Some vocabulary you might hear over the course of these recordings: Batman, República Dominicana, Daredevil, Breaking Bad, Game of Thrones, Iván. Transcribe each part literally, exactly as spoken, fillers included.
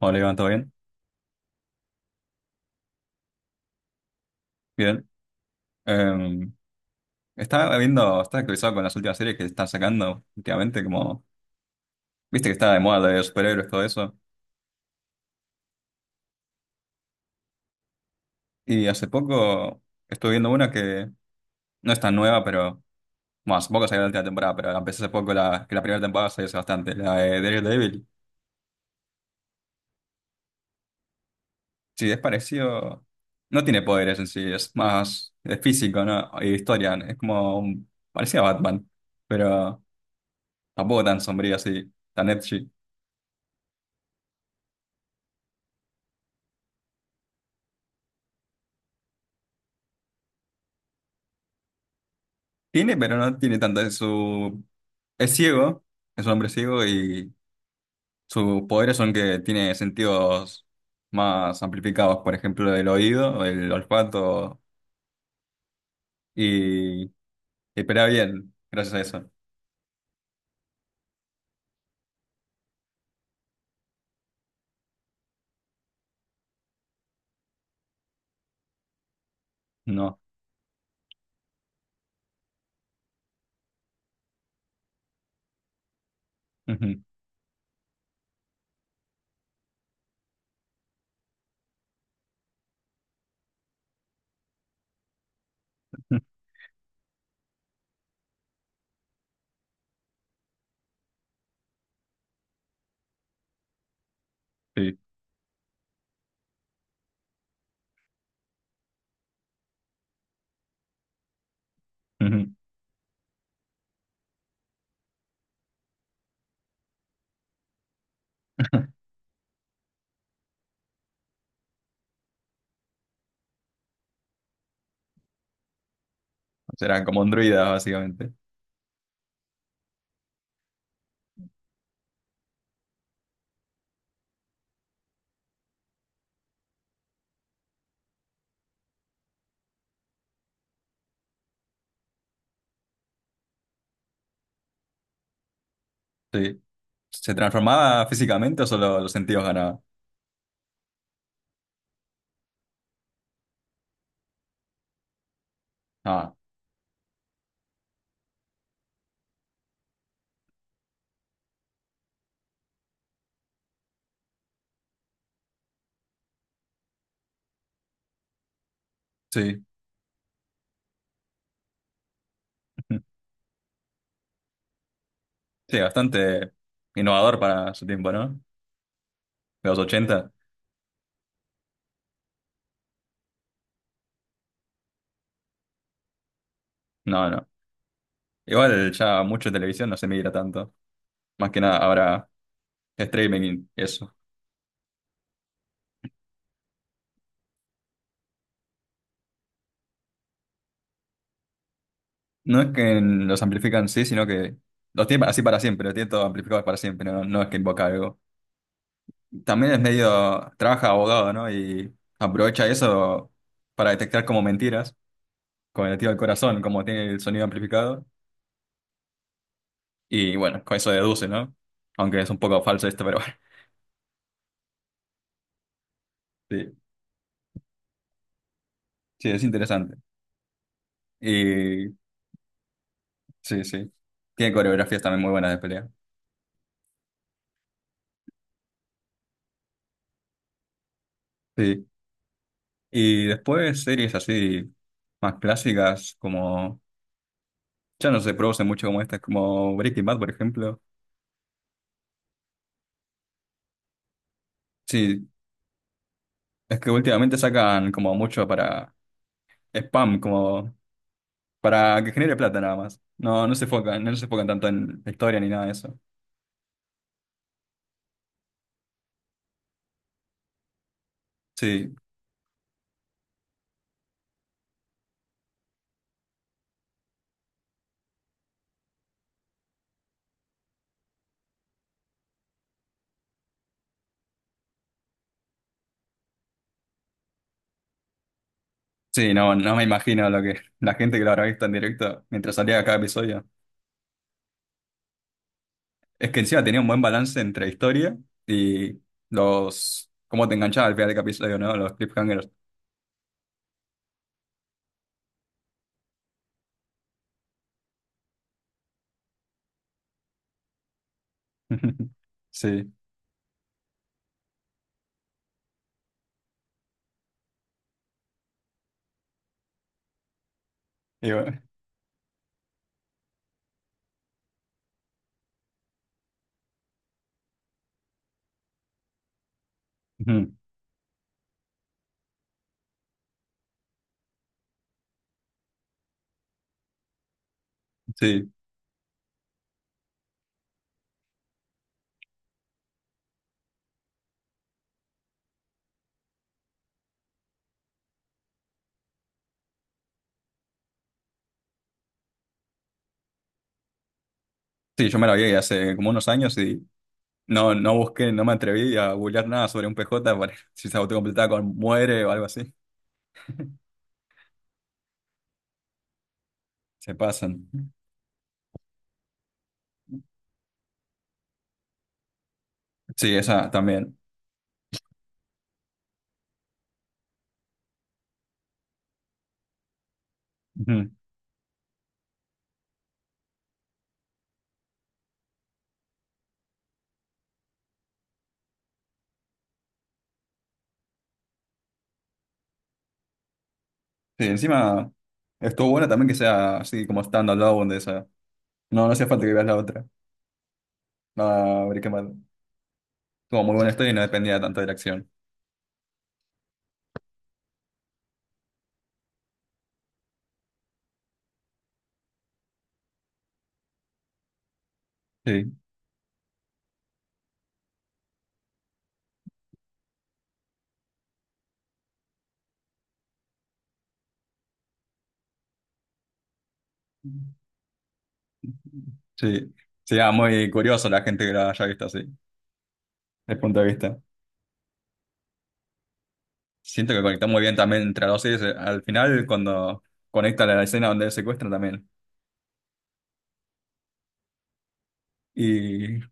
Hola Iván, ¿todo bien? Bien. Eh, estaba viendo, estaba actualizado con las últimas series que están sacando últimamente, como, viste que está de moda de superhéroes, todo eso. Y hace poco estuve viendo una que no es tan nueva, pero, bueno, hace poco salió la última temporada, pero la empecé hace poco, la, que la primera temporada salió hace bastante, la de Daredevil. Sí, es parecido, no tiene poderes en sí, es más, es físico, ¿no? Y historia, es como, un- parecía Batman, pero tampoco tan sombrío así, tan edgy. Tiene, pero no tiene tanto de su. Es ciego, es un hombre ciego y sus poderes son que tiene sentidos más amplificados, por ejemplo, el oído, el olfato y espera bien, gracias a eso. No. Ujú. Sí. Ujú. Será como un druida, básicamente. Sí. ¿Se transformaba físicamente o solo los sentidos ganaba? Ah, sí. Sí, bastante innovador para su tiempo, ¿no? De los ochenta. No, no. Igual ya mucho televisión no se mira tanto. Más que nada ahora. Streaming, eso. No es que los amplifican sí, sino que los tiene así para siempre, los tiene todo amplificado para siempre, no, no es que invoca algo. También es medio, trabaja abogado, ¿no? Y aprovecha eso para detectar como mentiras, con el tío del corazón, como tiene el sonido amplificado. Y bueno, con eso deduce, ¿no? Aunque es un poco falso esto, pero bueno, sí, sí, es interesante. Y sí, sí. Tiene coreografías también muy buenas de pelea. Sí. Y después series así más clásicas como... Ya no se produce mucho como estas, como Breaking Bad, por ejemplo. Sí, es que últimamente sacan como mucho para spam, como para que genere plata nada más. No, no se enfocan, no se enfocan tanto en la historia ni nada de eso. Sí, sí, no, no me imagino lo que la gente que lo habrá visto en directo mientras salía cada episodio. Es que encima tenía un buen balance entre historia y los, cómo te enganchaba al final de cada episodio, ¿no? Los cliffhangers. Sí, y bueno, ujú, sí, sí, yo me lo vi hace como unos años y no, no busqué, no me atreví a googlear nada sobre un P J para si se autocompletaba con muere o algo así. Se pasan. Sí, esa también. Ujú. Sí, encima estuvo bueno también que sea así como stand-alone de esa. No, no hacía falta que veas la otra. Ah, ver qué mal. Tuvo muy buena historia y no dependía tanto de la acción. Sí, sí. Sí, ah, muy curioso la gente que la haya visto así, desde punto de vista. Siento que conectó muy bien también entre los series. eh, Al final, cuando conecta la escena donde secuestran también. Y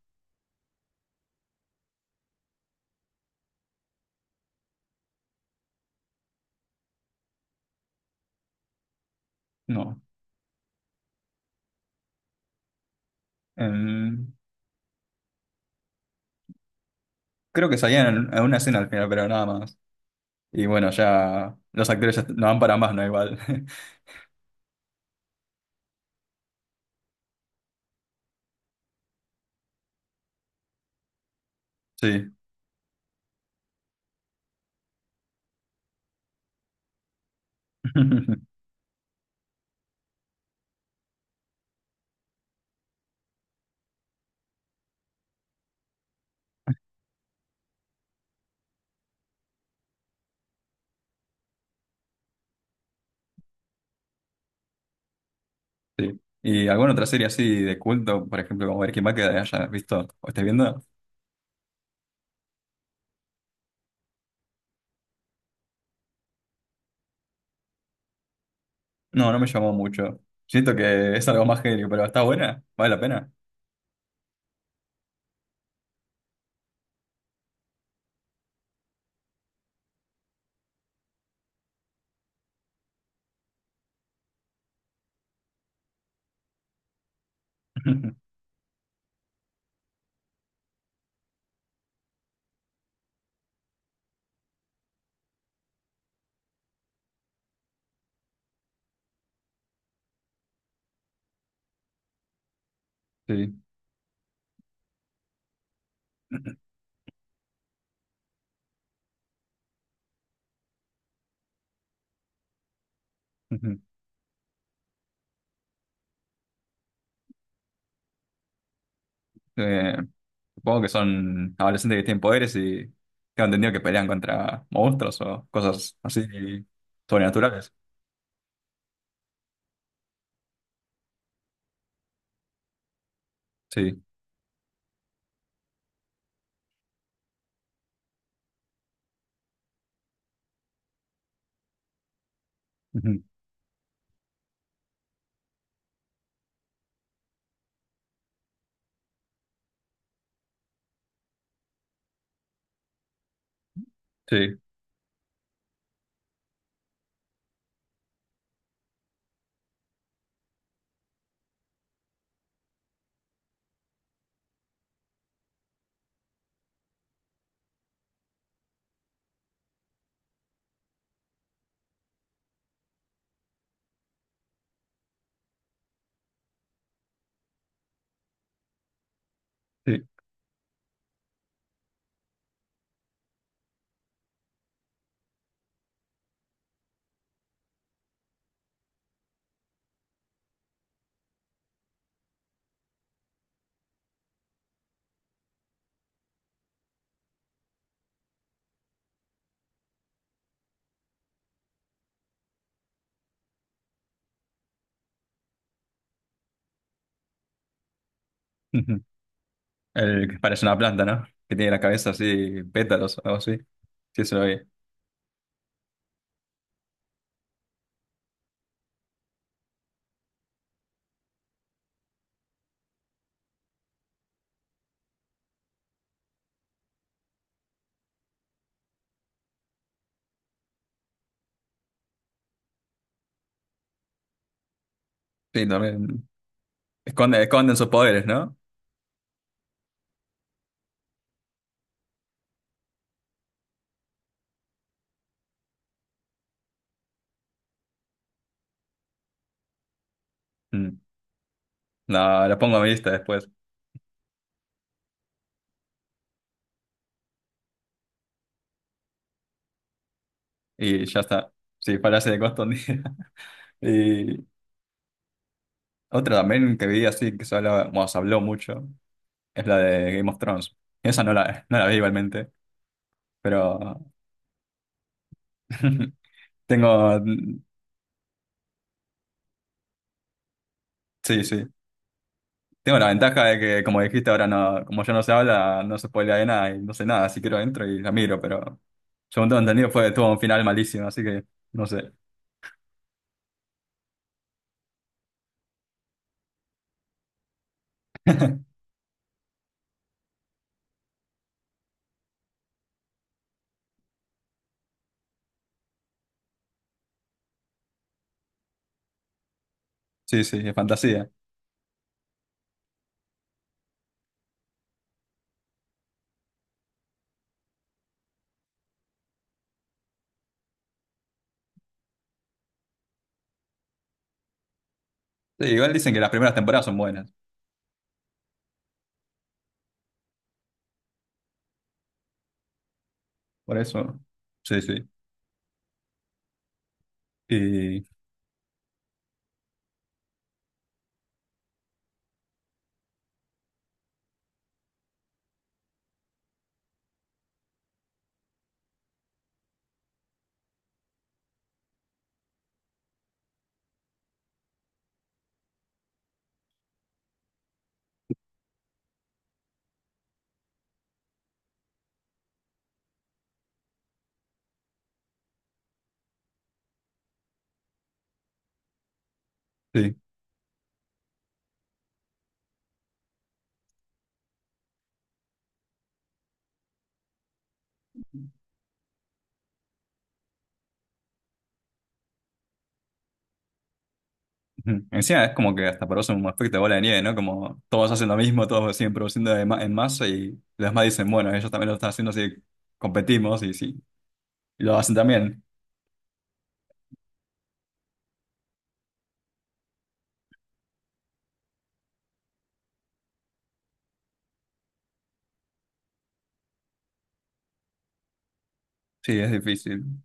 no. em, Creo que salían en una escena al final, pero nada más. Y bueno, ya los actores ya no van para más, ¿no? Igual. Sí. Sí. ¿Y alguna otra serie así de culto, por ejemplo, como Breaking Bad, que hayas visto o estés viendo? No, no me llamó mucho. Siento que es algo más genio, pero está buena, vale la pena. Sí. Ujú. Eh, supongo que son adolescentes que tienen poderes y tengo entendido que pelean contra monstruos o cosas así sobrenaturales. Sí. Ujú. Sí, sí. El que parece una planta, ¿no? Que tiene la cabeza así, pétalos o algo así. Sí, se lo vi. Sí, también. Esconde, esconden sus poderes, ¿no? Mm. No, lo pongo a mi lista después. Y ya está. Sí, parece de costo un día. Y otra también que vi así, que se hablaba, bueno, se habló mucho, es la de Game of Thrones. Esa no la, no la vi igualmente, pero tengo... mm, sí, sí. Tengo la ventaja de que, como dijiste, ahora no, como ya no se habla, no se spoilea de nada y no sé nada, así que lo entro y la miro, pero según tengo entendido fue tuvo un final malísimo, así que no sé. Sí, sí, es fantasía. Sí, igual dicen que las primeras temporadas son buenas, por eso. Sí, sí. Y sí. Ujú. Encima es como que hasta produce un efecto de bola de nieve, ¿no? Como todos hacen lo mismo, todos siguen produciendo de ma- en masa y los demás dicen, bueno, ellos también lo están haciendo, así que competimos y sí, y lo hacen también. Sí, es difícil.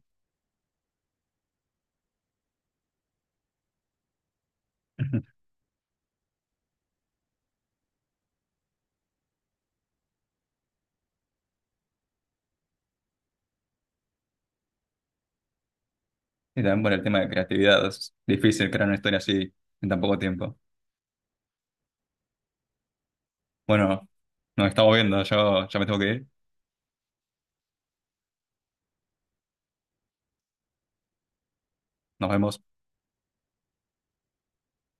Y también por el tema de creatividad, es difícil crear una historia así en tan poco tiempo. Bueno, nos estamos viendo, yo ya me tengo que ir, nos vemos.